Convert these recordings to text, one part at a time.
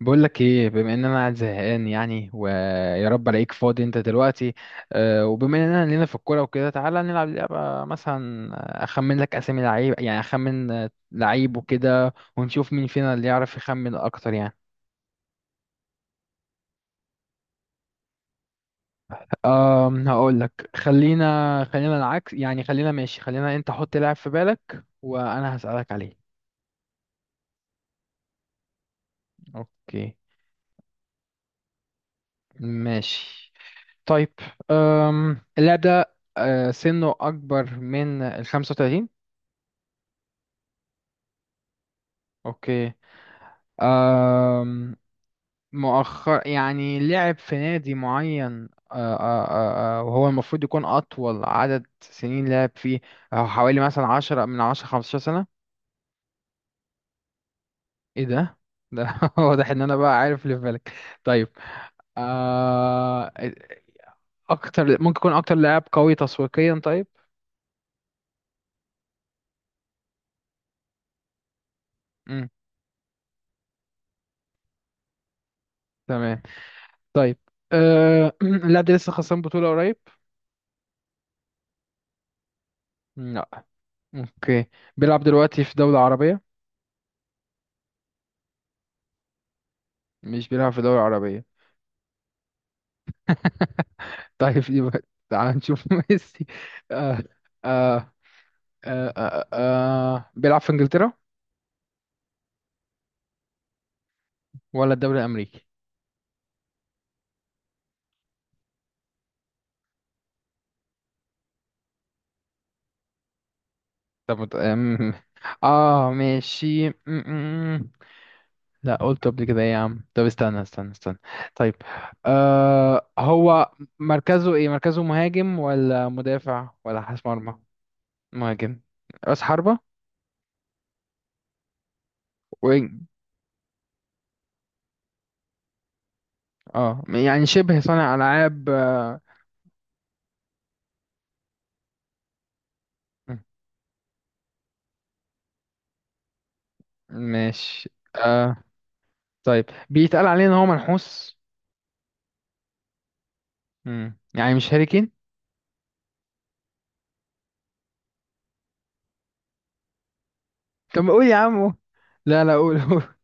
بقول لك ايه، بما ان انا قاعد زهقان يعني ويا رب الاقيك فاضي انت دلوقتي. وبما اننا لينا في الكوره وكده تعالى نلعب لعبه مثلا. اخمن لك اسامي لعيب، يعني اخمن لعيب وكده ونشوف مين فينا اللي يعرف يخمن اكتر يعني. هقول لك خلينا العكس، يعني خلينا ماشي خلينا انت حط لاعب في بالك وانا هسألك عليه. اوكي. ماشي. طيب. اللاعب ده سنه اكبر من ال 35. اوكي. آم، مؤخر يعني لعب في نادي معين، وهو المفروض يكون أطول عدد سنين لعب فيه. حوالي مثلا 10 من 10 15 سنة. ايه ده؟ ده واضح ان انا بقى عارف اللي في بالك. طيب. آه، اكتر، ممكن يكون اكتر لاعب قوي تسويقيا. طيب. مم. تمام. طيب. اللاعب ده لسه خسران بطولة قريب؟ لا. اوكي. بيلعب دلوقتي في دولة عربية؟ مش بيلعب في دولة عربية. طيب يبقى تعال نشوف ميسي. آه آه بيلعب في انجلترا ولا الدوري الامريكي؟ طب اه ماشي. م- م- م. لا، قلت قبل كده إيه يا عم؟ طب استنى استنى استنى. طيب. هو مركزه ايه؟ مركزه مهاجم ولا مدافع ولا حارس مرمى؟ مهاجم راس حربة وينج؟ اه، يعني شبه صانع العاب. م- ماشي. آه طيب، بيتقال عليه ان هو منحوس؟ يعني مش هاري كين؟ طب ما قول يا عم. لا لا قول قول.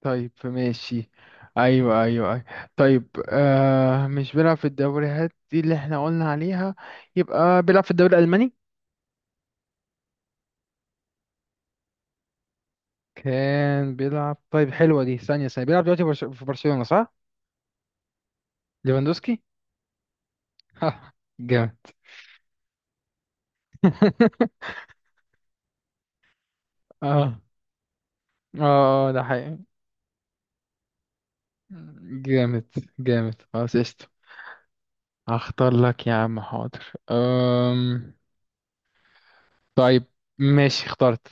طيب ماشي. ايوه ايوه ايوه. طيب. مش بيلعب في الدوريات دي اللي احنا قلنا عليها، يبقى بيلعب في الدوري الالماني؟ كان بيلعب؟ طيب حلوه دي. ثانيه ثانيه. بيلعب دلوقتي في برشلونه صح؟ ليفاندوسكي. ها، جامد. اه. اه ده حقيقي. جامد. جامد. خلاص قشطة. هختار لك يا عم، حاضر. طيب ماشي اخترت.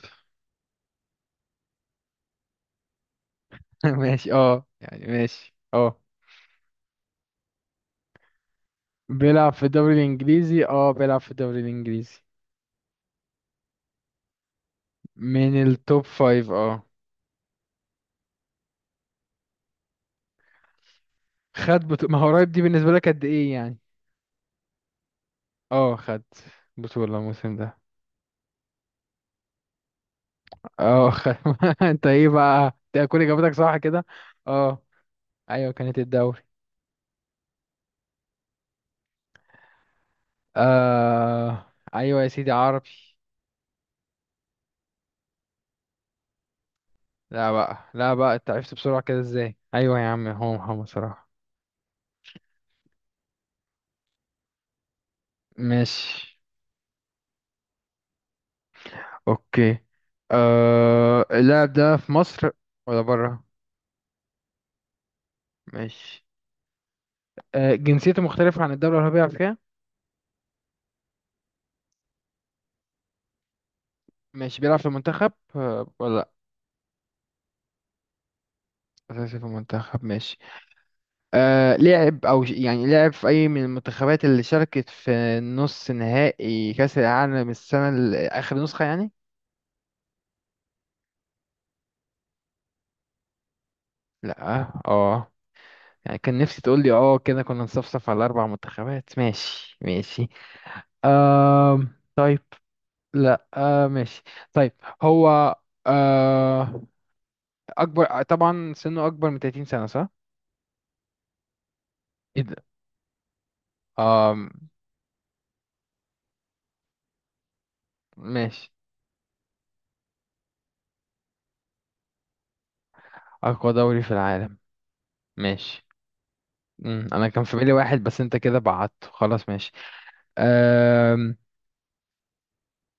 ماشي. اه يعني ماشي. اه، بيلعب في الدوري الانجليزي. اه بيلعب في الدوري الانجليزي. من التوب فايف. اه خد بطولة. ما هو قريب دي بالنسبة لك قد ايه يعني؟ اه خد بطولة الموسم ده. اه خد. انت ايه بقى؟ انت كل اجابتك صح كده. اه. ايوه كانت الدوري. ايوه يا سيدي عربي. لا بقى لا بقى انت عرفت بسرعة كده ازاي؟ ايوه يا عم هو محمد صلاح. ماشي. اوكي. اللاعب ده في مصر ولا بره؟ ماشي. جنسيته مختلفة عن الدولة اللي هو بيلعب فيها. ماشي. بيلعب في المنتخب ولا لا؟ أساسي في المنتخب. ماشي. لعب، أو يعني لعب في أي من المنتخبات اللي شاركت في نص نهائي كأس العالم السنة آخر نسخة يعني؟ لا. اه، يعني كان نفسي تقول لي اه، كده كنا نصفصف على أربع منتخبات. ماشي ماشي. آه طيب. لا. ماشي. طيب. هو آه أكبر، طبعا سنه أكبر من 30 سنة صح؟ إيه ده؟ آه ماشي. أقوى دوري في العالم. ماشي. مم. أنا كان في بالي واحد بس أنت كده بعدته خلاص. ماشي. آه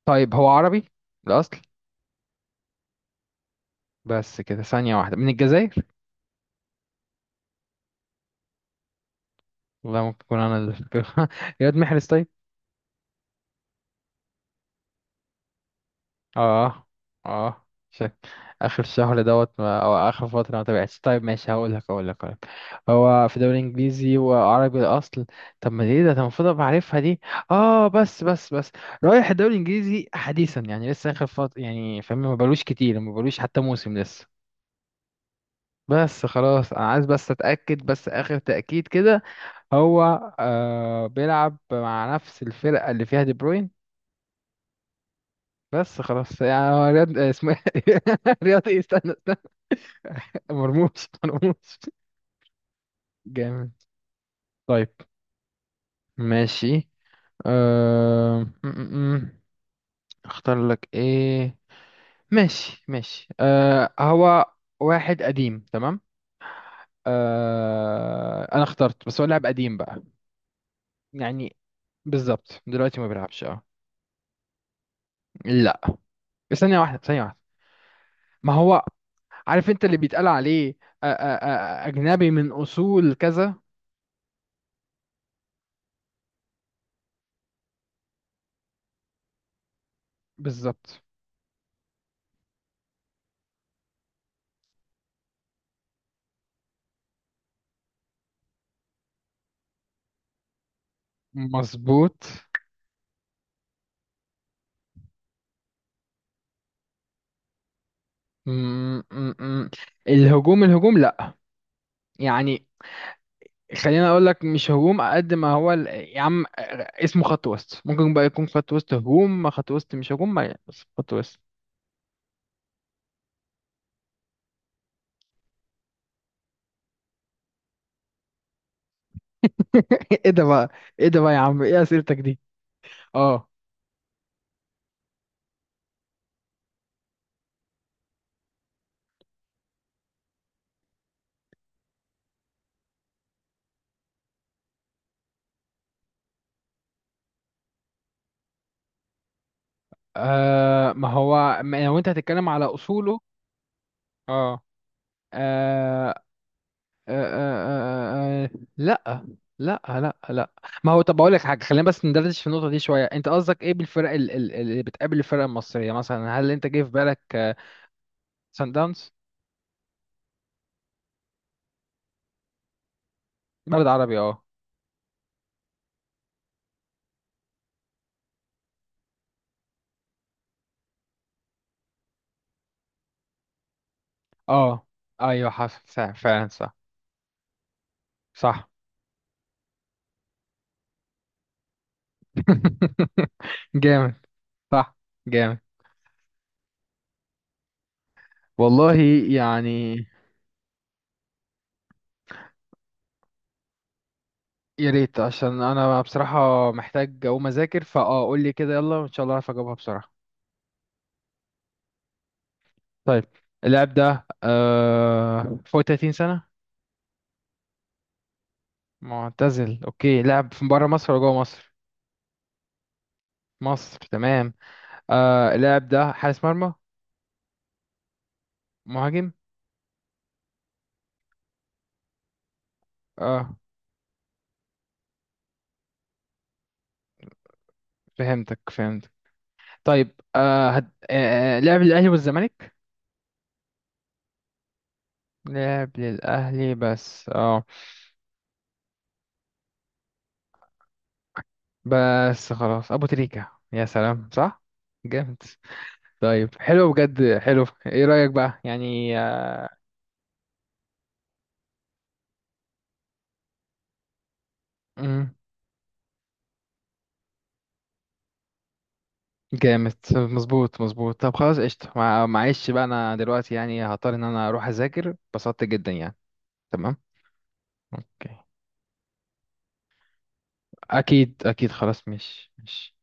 طيب، هو عربي الأصل. بس كده. ثانية واحدة. من الجزائر؟ والله ممكن يكون. يا واد محرز طيب. اه. اه شك. اخر شهر دوت ما او اخر فتره ما تابعتش. طيب ماشي. هقول لك هقول لك هقول لك، هو في دوري انجليزي وعربي الاصل. طب ما ليه ده؟ انا المفروض ابقى عارفها دي. اه بس بس بس، رايح الدوري الانجليزي حديثا، يعني لسه اخر فتره يعني، فاهم؟ ما بلوش كتير، ما بلوش حتى موسم لسه. بس خلاص، انا عايز بس اتاكد، بس اخر تاكيد كده. هو بيلعب مع نفس الفرقه اللي فيها دي بروين؟ بس خلاص. يعني هو رياض اسمه إيه؟ رياض إيه؟ استنى. مرموش. مرموش. جامد. طيب ماشي. أه... م- م- م. اختار لك ايه؟ ماشي ماشي. هو واحد قديم، تمام. انا اخترت بس هو لاعب قديم بقى، يعني بالظبط دلوقتي ما بيلعبش. اه. لا. ثانية واحدة ثانية واحدة. ما هو، عارف انت اللي بيتقال عليه اجنبي من اصول كذا. بالظبط. مظبوط. م- م- م. الهجوم الهجوم لا، يعني خلينا اقول لك مش هجوم قد ما هو يا عم اسمه خط وسط، ممكن بقى يكون خط وسط هجوم، خط وسط مش هجوم ما يعني، بس خط وسط. ايه ده بقى؟ ايه ده بقى يا عم؟ ايه اسئلتك دي؟ اه. ما هو، ما لو انت هتتكلم على اصوله؟ اه. آه، آه، آه، آه، آه، لا لا لا لا. ما هو، طب اقول لك حاجه، خلينا بس ندردش في النقطه دي شويه. انت قصدك ايه بالفرق اللي بتقابل الفرق المصريه مثلا؟ هل انت جه في بالك سان داونز؟ بلد عربي، اه. اه ايوه حصل، صح فعلا. صح. صح. جامد. صح. جامد. والله يعني يا ريت، عشان انا بصراحة محتاج اقوم اذاكر. فاه قول لي كده يلا، وان شاء الله اعرف اجاوبها بسرعة. طيب. اللاعب ده فوق 30 سنة؟ معتزل. اوكي. لاعب في بره مصر ولا جوه مصر؟ مصر. تمام. اللاعب ده حارس مرمى؟ مهاجم. اه فهمتك فهمتك. طيب. آه هد... آه آه، لعب الاهلي والزمالك؟ لعب للأهلي بس. اه، بس خلاص. أبو تريكة. يا سلام. صح. جامد. طيب. حلو بجد حلو. ايه رأيك بقى يعني. مم، جامد مظبوط مظبوط. طب خلاص قشطة. معلش بقى، أنا دلوقتي يعني هضطر إن أنا أروح أذاكر. اتبسطت جدا يعني. تمام. أوكي. أكيد أكيد خلاص. مش